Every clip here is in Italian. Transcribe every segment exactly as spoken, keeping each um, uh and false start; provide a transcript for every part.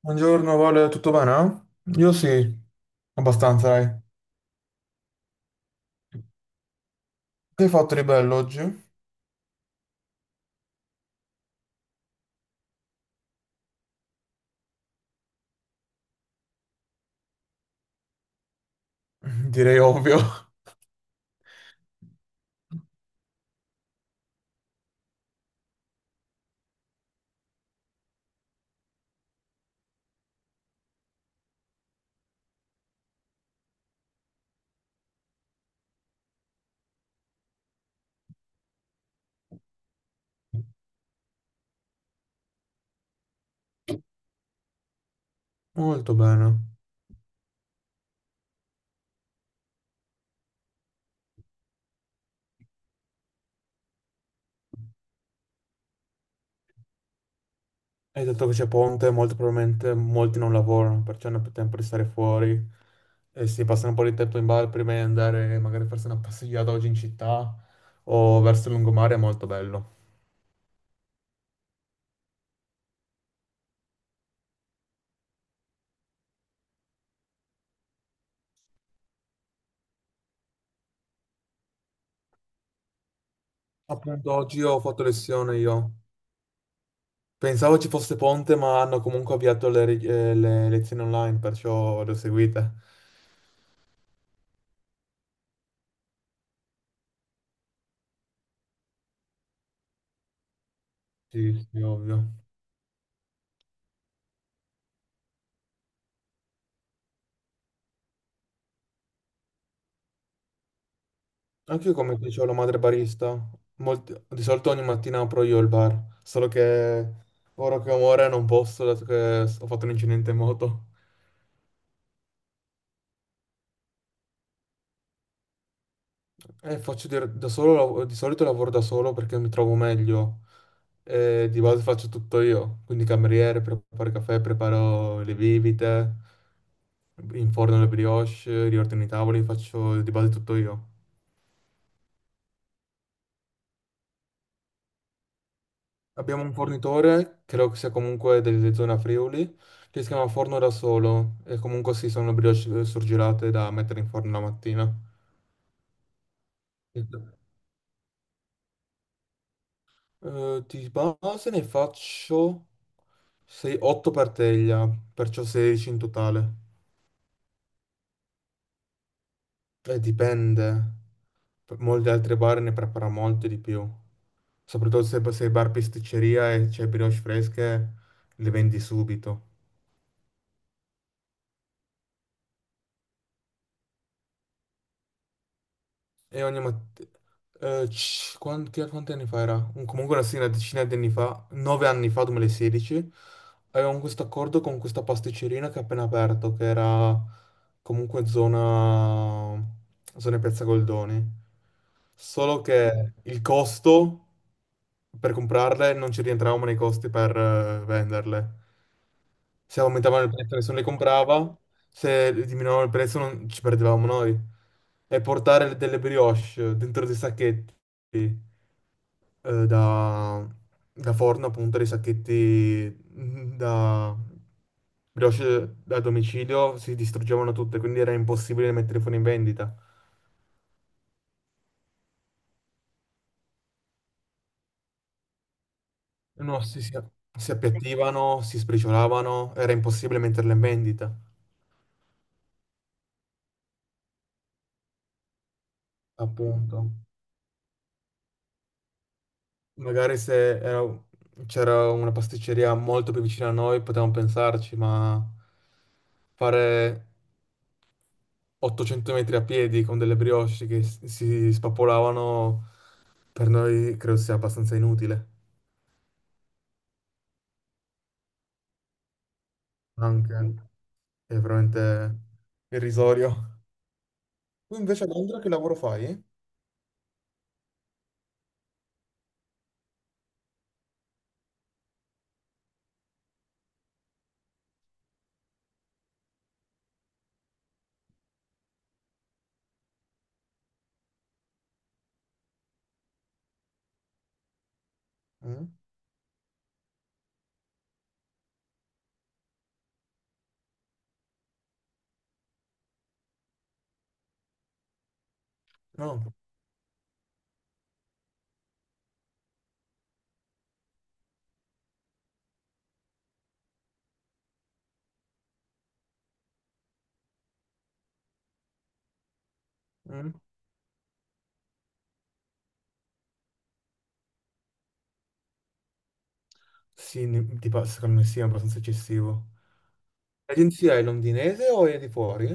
Buongiorno, Vale, tutto bene? Io sì, abbastanza, dai. Che hai fatto di bello oggi? Direi ovvio. Molto bene. Hai detto che c'è ponte, molto probabilmente molti non lavorano, perciò hanno più tempo di stare fuori e si passano un po' di tempo in bar prima di andare magari a farsi una passeggiata oggi in città o verso il lungomare, è molto bello. Appunto, oggi ho fatto lezione io. Pensavo ci fosse Ponte, ma hanno comunque avviato le, ri- eh, le lezioni online, perciò l'ho seguita. Sì, sì, ovvio. Anche io, come dicevo, la madre barista. Molti- Di solito ogni mattina apro io il bar, solo che ora che muore non posso, dato che s- ho fatto un incidente in moto. E faccio dir- da solo, lav- di solito lavoro da solo perché mi trovo meglio. Eh, di base faccio tutto io, quindi cameriere, preparo il caffè, preparo le bibite, inforno le brioche, riordino i tavoli, faccio di base tutto io. Abbiamo un fornitore, credo che sia comunque delle zone a Friuli, che si chiama Forno da Solo e comunque sì, sono brioche eh, surgelate da mettere in forno la mattina. Eh, di base ne faccio otto per teglia, perciò sedici in totale. Eh, dipende. P- Molti altri bar ne prepara molto di più. Soprattutto se se il bar pasticceria e c'è brioche fresche, le vendi subito. E ogni mattina. Quanti, quanti anni fa era? Un- Comunque una, sì, una decina di anni fa, nove anni fa, duemilasedici, avevamo questo accordo con questa pasticcerina che ha appena aperto, che era comunque zona, zona Piazza Goldoni. Solo che il costo per comprarle non ci rientravamo nei costi per eh, venderle. Se aumentavano il prezzo nessuno le comprava, se diminuivano il prezzo non ci perdevamo noi. E portare delle brioche dentro dei sacchetti eh, da, da forno, appunto, dei sacchetti mm, da brioche da domicilio, si distruggevano tutte, quindi era impossibile mettere fuori in vendita. No, si, si, si appiattivano, si spriciolavano, era impossibile metterle in vendita, appunto. Magari se era- c'era una pasticceria molto più vicina a noi potevamo pensarci, ma fare ottocento metri a piedi con delle brioche che s- si spappolavano per noi credo sia abbastanza inutile. Anche è veramente irrisorio. Tu invece a Londra che lavoro fai? Mm? No. Mm? Sì, ne- tipo, secondo me sì, è abbastanza eccessivo. L'agenzia è londinese o è di fuori?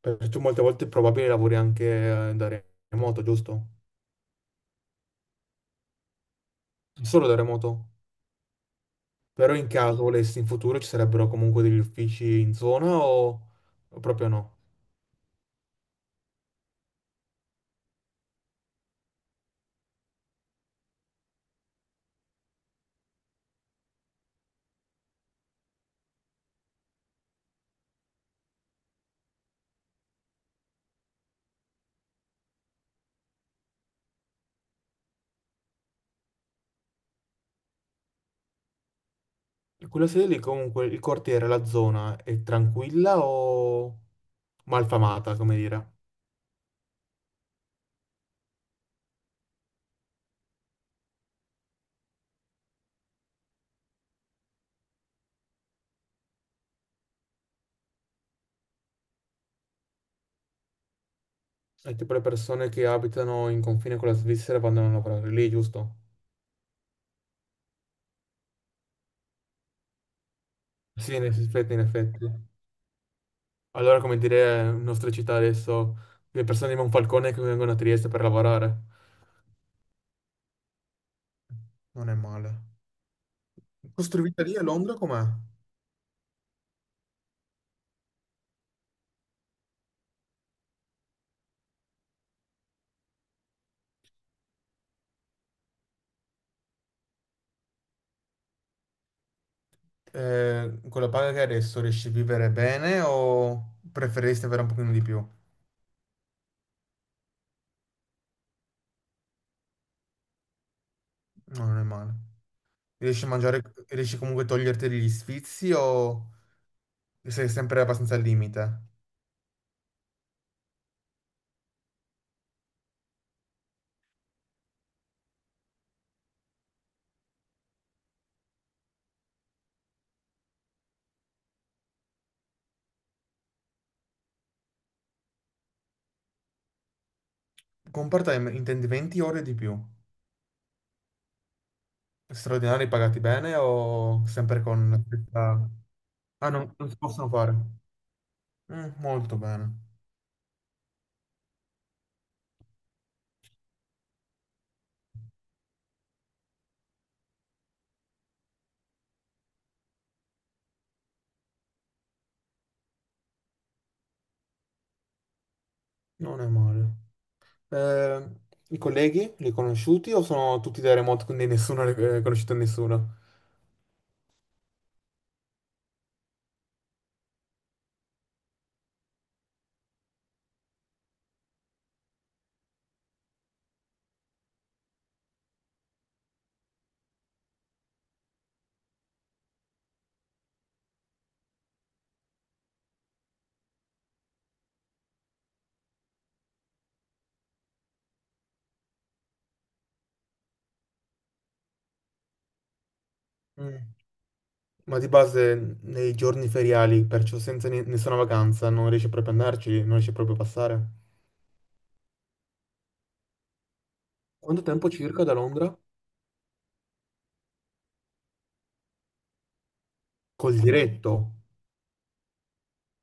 Perché tu molte volte è probabile lavori anche eh, da remoto, giusto? Solo da remoto. Però in caso volessi in futuro ci sarebbero comunque degli uffici in zona o, o proprio no? Quella sede lì comunque il quartiere, la zona è tranquilla o malfamata, come dire? È tipo le persone che abitano in confine con la Svizzera vanno a lavorare lì, giusto? Sì, in effetti, in effetti. Allora, come dire, in nostra città adesso, le persone di Monfalcone che vengono a Trieste per lavorare. Non è male. Costruita lì a Londra com'è? Eh, con la paga che hai adesso riesci a vivere bene o preferiresti avere un pochino di più? No, non è male. Riesci a mangiare, riesci comunque a toglierti degli sfizi o sei sempre abbastanza al limite? Con part-time intendi venti ore di più. Straordinari pagati bene o sempre con la stessa. Ah, no, non si possono fare. Mm, molto bene. Non è male. Eh, I colleghi li hai conosciuti o sono tutti da remoto, quindi nessuno ha riconosciuto nessuno? Mm. Ma di base nei giorni feriali, perciò senza ne- nessuna vacanza, non riesci proprio ad andarci, non riesci proprio a passare. Quanto tempo circa da Londra? Col diretto.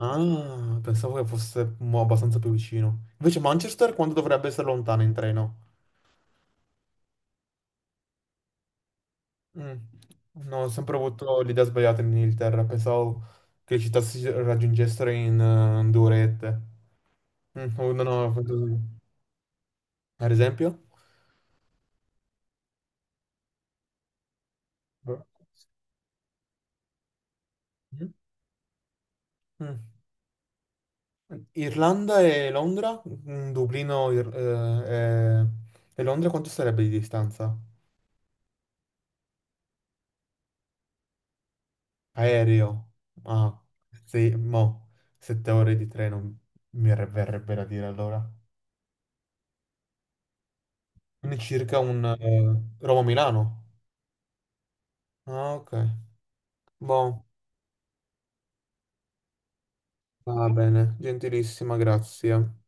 Ah, pensavo che fosse mo, abbastanza più vicino. Invece Manchester quanto dovrebbe essere lontana in treno? Mm. No, ho sempre avuto l'idea sbagliata in Inghilterra, pensavo che le città si raggiungessero in eh, due orette. Mm, oh, no, no, ho fatto- così. Ad esempio? Mm. Mm. Irlanda e Londra? Mm, Dublino Ir- eh, eh, e Londra quanto sarebbe di distanza? Aereo. Ah, sì, mo, sette ore di treno mi re- verrebbe da dire allora. Quindi circa un eh, Roma-Milano. Ah, ok. Boh, va bene, gentilissima, grazie.